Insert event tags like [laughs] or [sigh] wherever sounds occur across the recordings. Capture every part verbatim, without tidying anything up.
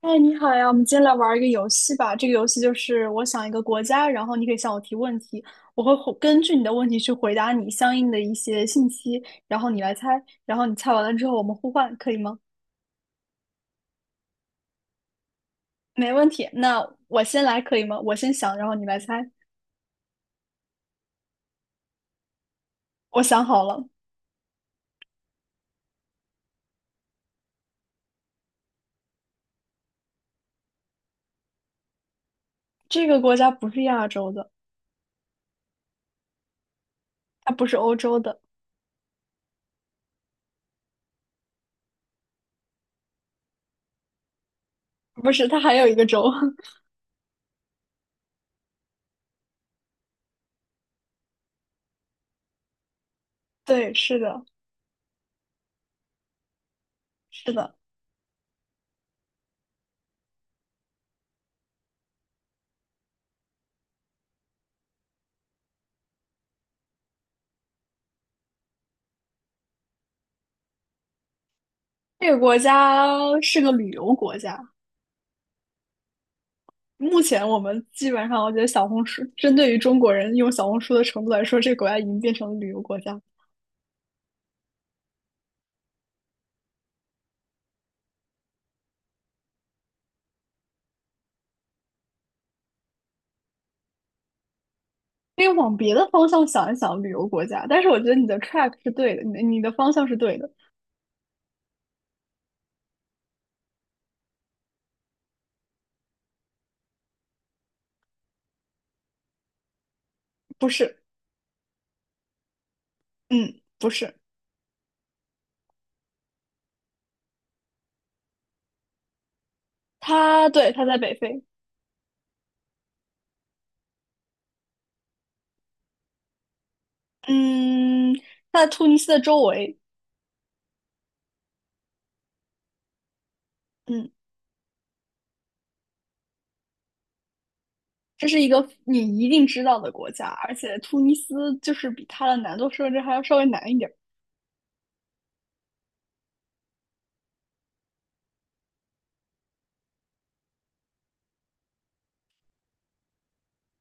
哎，你好呀，我们今天来玩一个游戏吧。这个游戏就是我想一个国家，然后你可以向我提问题，我会回根据你的问题去回答你相应的一些信息，然后你来猜，然后你猜完了之后我们互换，可以吗？没问题。那我先来可以吗？我先想，然后你来猜。我想好了，这个国家不是亚洲的，它不是欧洲的，不是，它还有一个洲。[laughs] 对，是的，是的，这个国家是个旅游国家。目前我们基本上，我觉得小红书针对于中国人用小红书的程度来说，这个国家已经变成了旅游国家。可以往别的方向想一想，旅游国家。但是我觉得你的 track 是对的，你的你的方向是对的，不是，嗯，不是。它对，它在北非，嗯，它在突尼斯的周围，嗯，这是一个你一定知道的国家，而且突尼斯就是比它的难度设置还要稍微难一点。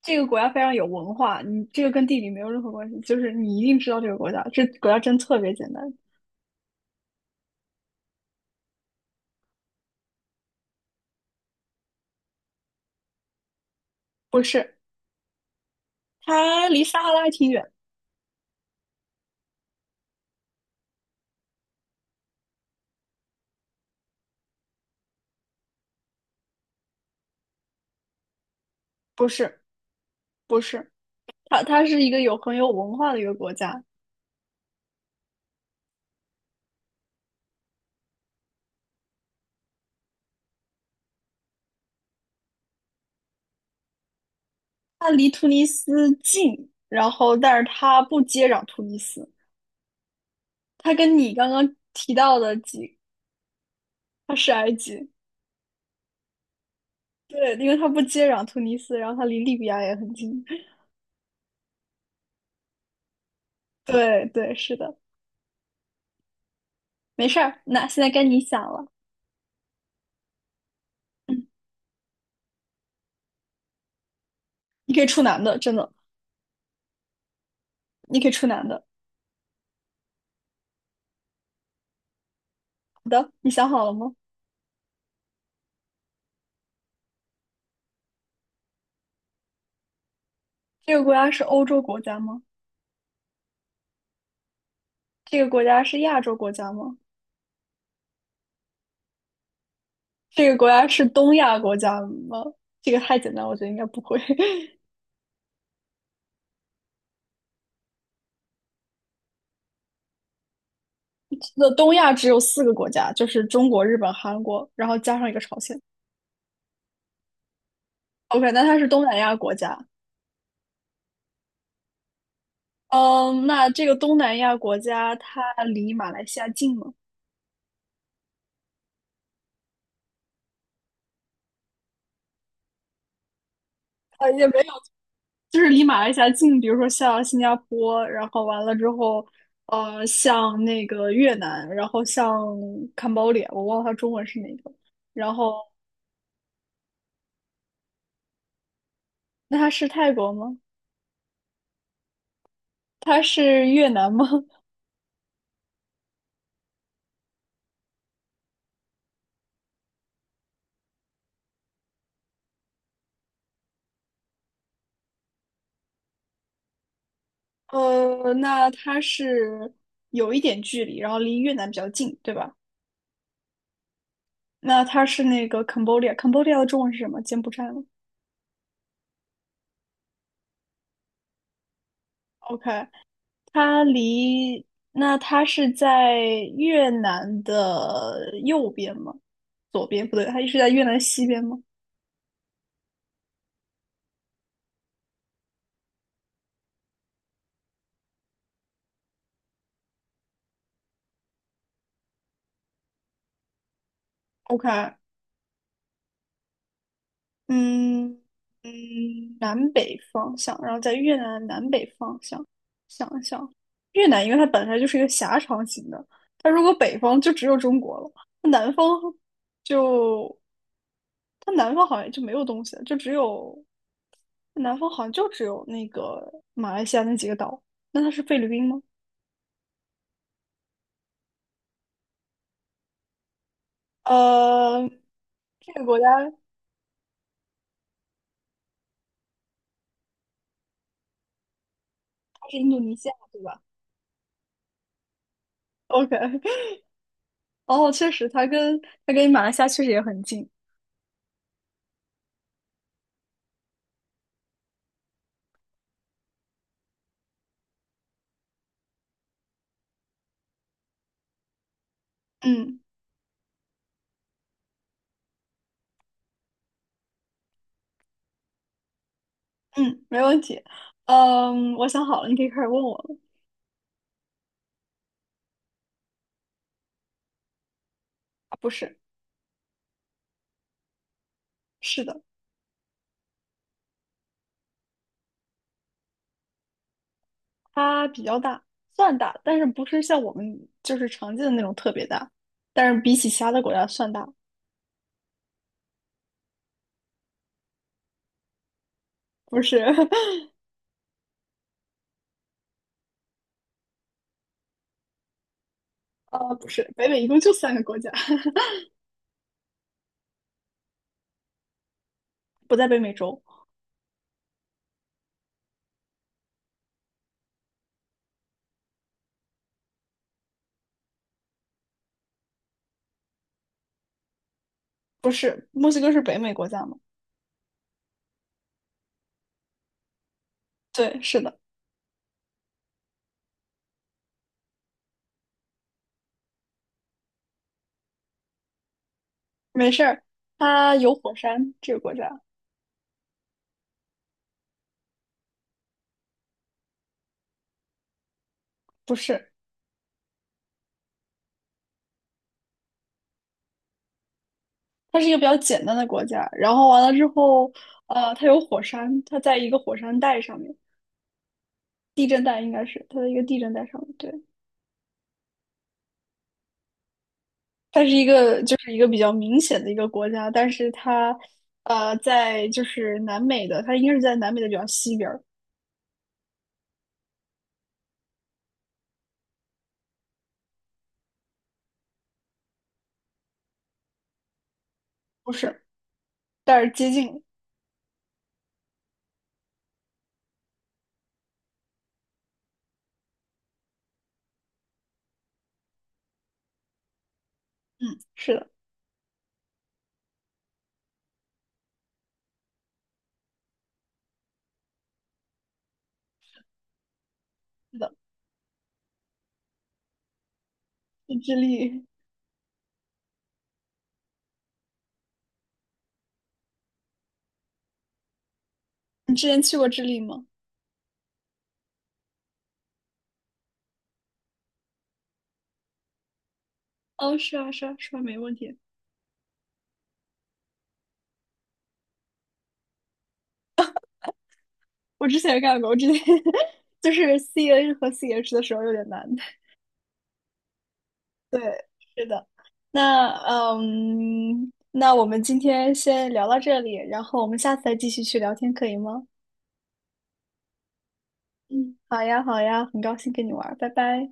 这个国家非常有文化，你这个跟地理没有任何关系，就是你一定知道这个国家，这国家真特别简单。不是，它离撒哈拉挺远，不是，不是，它它是一个有很有文化的一个国家，它离突尼斯近，然后但是它不接壤突尼斯，它跟你刚刚提到的几，它是埃及，对，因为它不接壤突尼斯，然后它离利比亚也很近，对对，是的，没事儿，那现在该你想了，嗯，你可以出男的，真的，你可以出男的。好的，你想好了吗？这个国家是欧洲国家吗？这个国家是亚洲国家吗？这个国家是东亚国家吗？这个太简单，我觉得应该不会。[laughs] 那东亚只有四个国家，就是中国、日本、韩国，然后加上一个朝鲜。OK，那它是东南亚国家。嗯，那这个东南亚国家它离马来西亚近吗？啊，也没就是离马来西亚近，比如说像新加坡，然后完了之后，呃，像那个越南，然后像 Cambodia，我忘了它中文是哪个。然后，那它是泰国吗？它是越南吗？[laughs] 呃，那它是有一点距离，然后离越南比较近，对吧？那它是那个 Cambodia，Cambodia 的中文是什么？柬埔寨吗？OK，它离，那它是在越南的右边吗？左边不对，它是在越南西边吗？OK，嗯嗯，南北方向，然后在越南的南北方向，想一想，越南因为它本来就是一个狭长型的，它如果北方就只有中国了，那南方就它南方好像就没有东西了，就只有南方好像就只有那个马来西亚那几个岛，那它是菲律宾吗？呃，这个国家它是印度尼西亚，对吧？OK，[laughs] 哦，确实，它跟它跟马来西亚确实也很近。嗯嗯，没问题。嗯，我想好了，你可以开始问我了。啊不是，是的，它比较大，算大，但是不是像我们就是常见的那种特别大，但是比起其他的国家算大。不是，[laughs] 呃，不是，北美一共就三个国家，[laughs] 不在北美洲。不是，墨西哥是北美国家吗？对，是的，没事儿。它有火山，这个国家。不是，它是一个比较简单的国家。然后完了之后，呃，它有火山，它在一个火山带上面，地震带应该是它的一个地震带上面。对，它是一个就是一个比较明显的一个国家，但是它呃在就是南美的，它应该是在南美的比较西边儿，不是，但是接近嗯，是的，是的，是智利。你之前去过智利吗？哦，是啊，是啊，是啊，没问题。我之前也干过，我之前 [laughs] 就是 C N 和 C H 的时候有点难。对，是的。那嗯，那我们今天先聊到这里，然后我们下次再继续去聊天，可以吗？嗯，好呀，好呀，很高兴跟你玩儿，拜拜。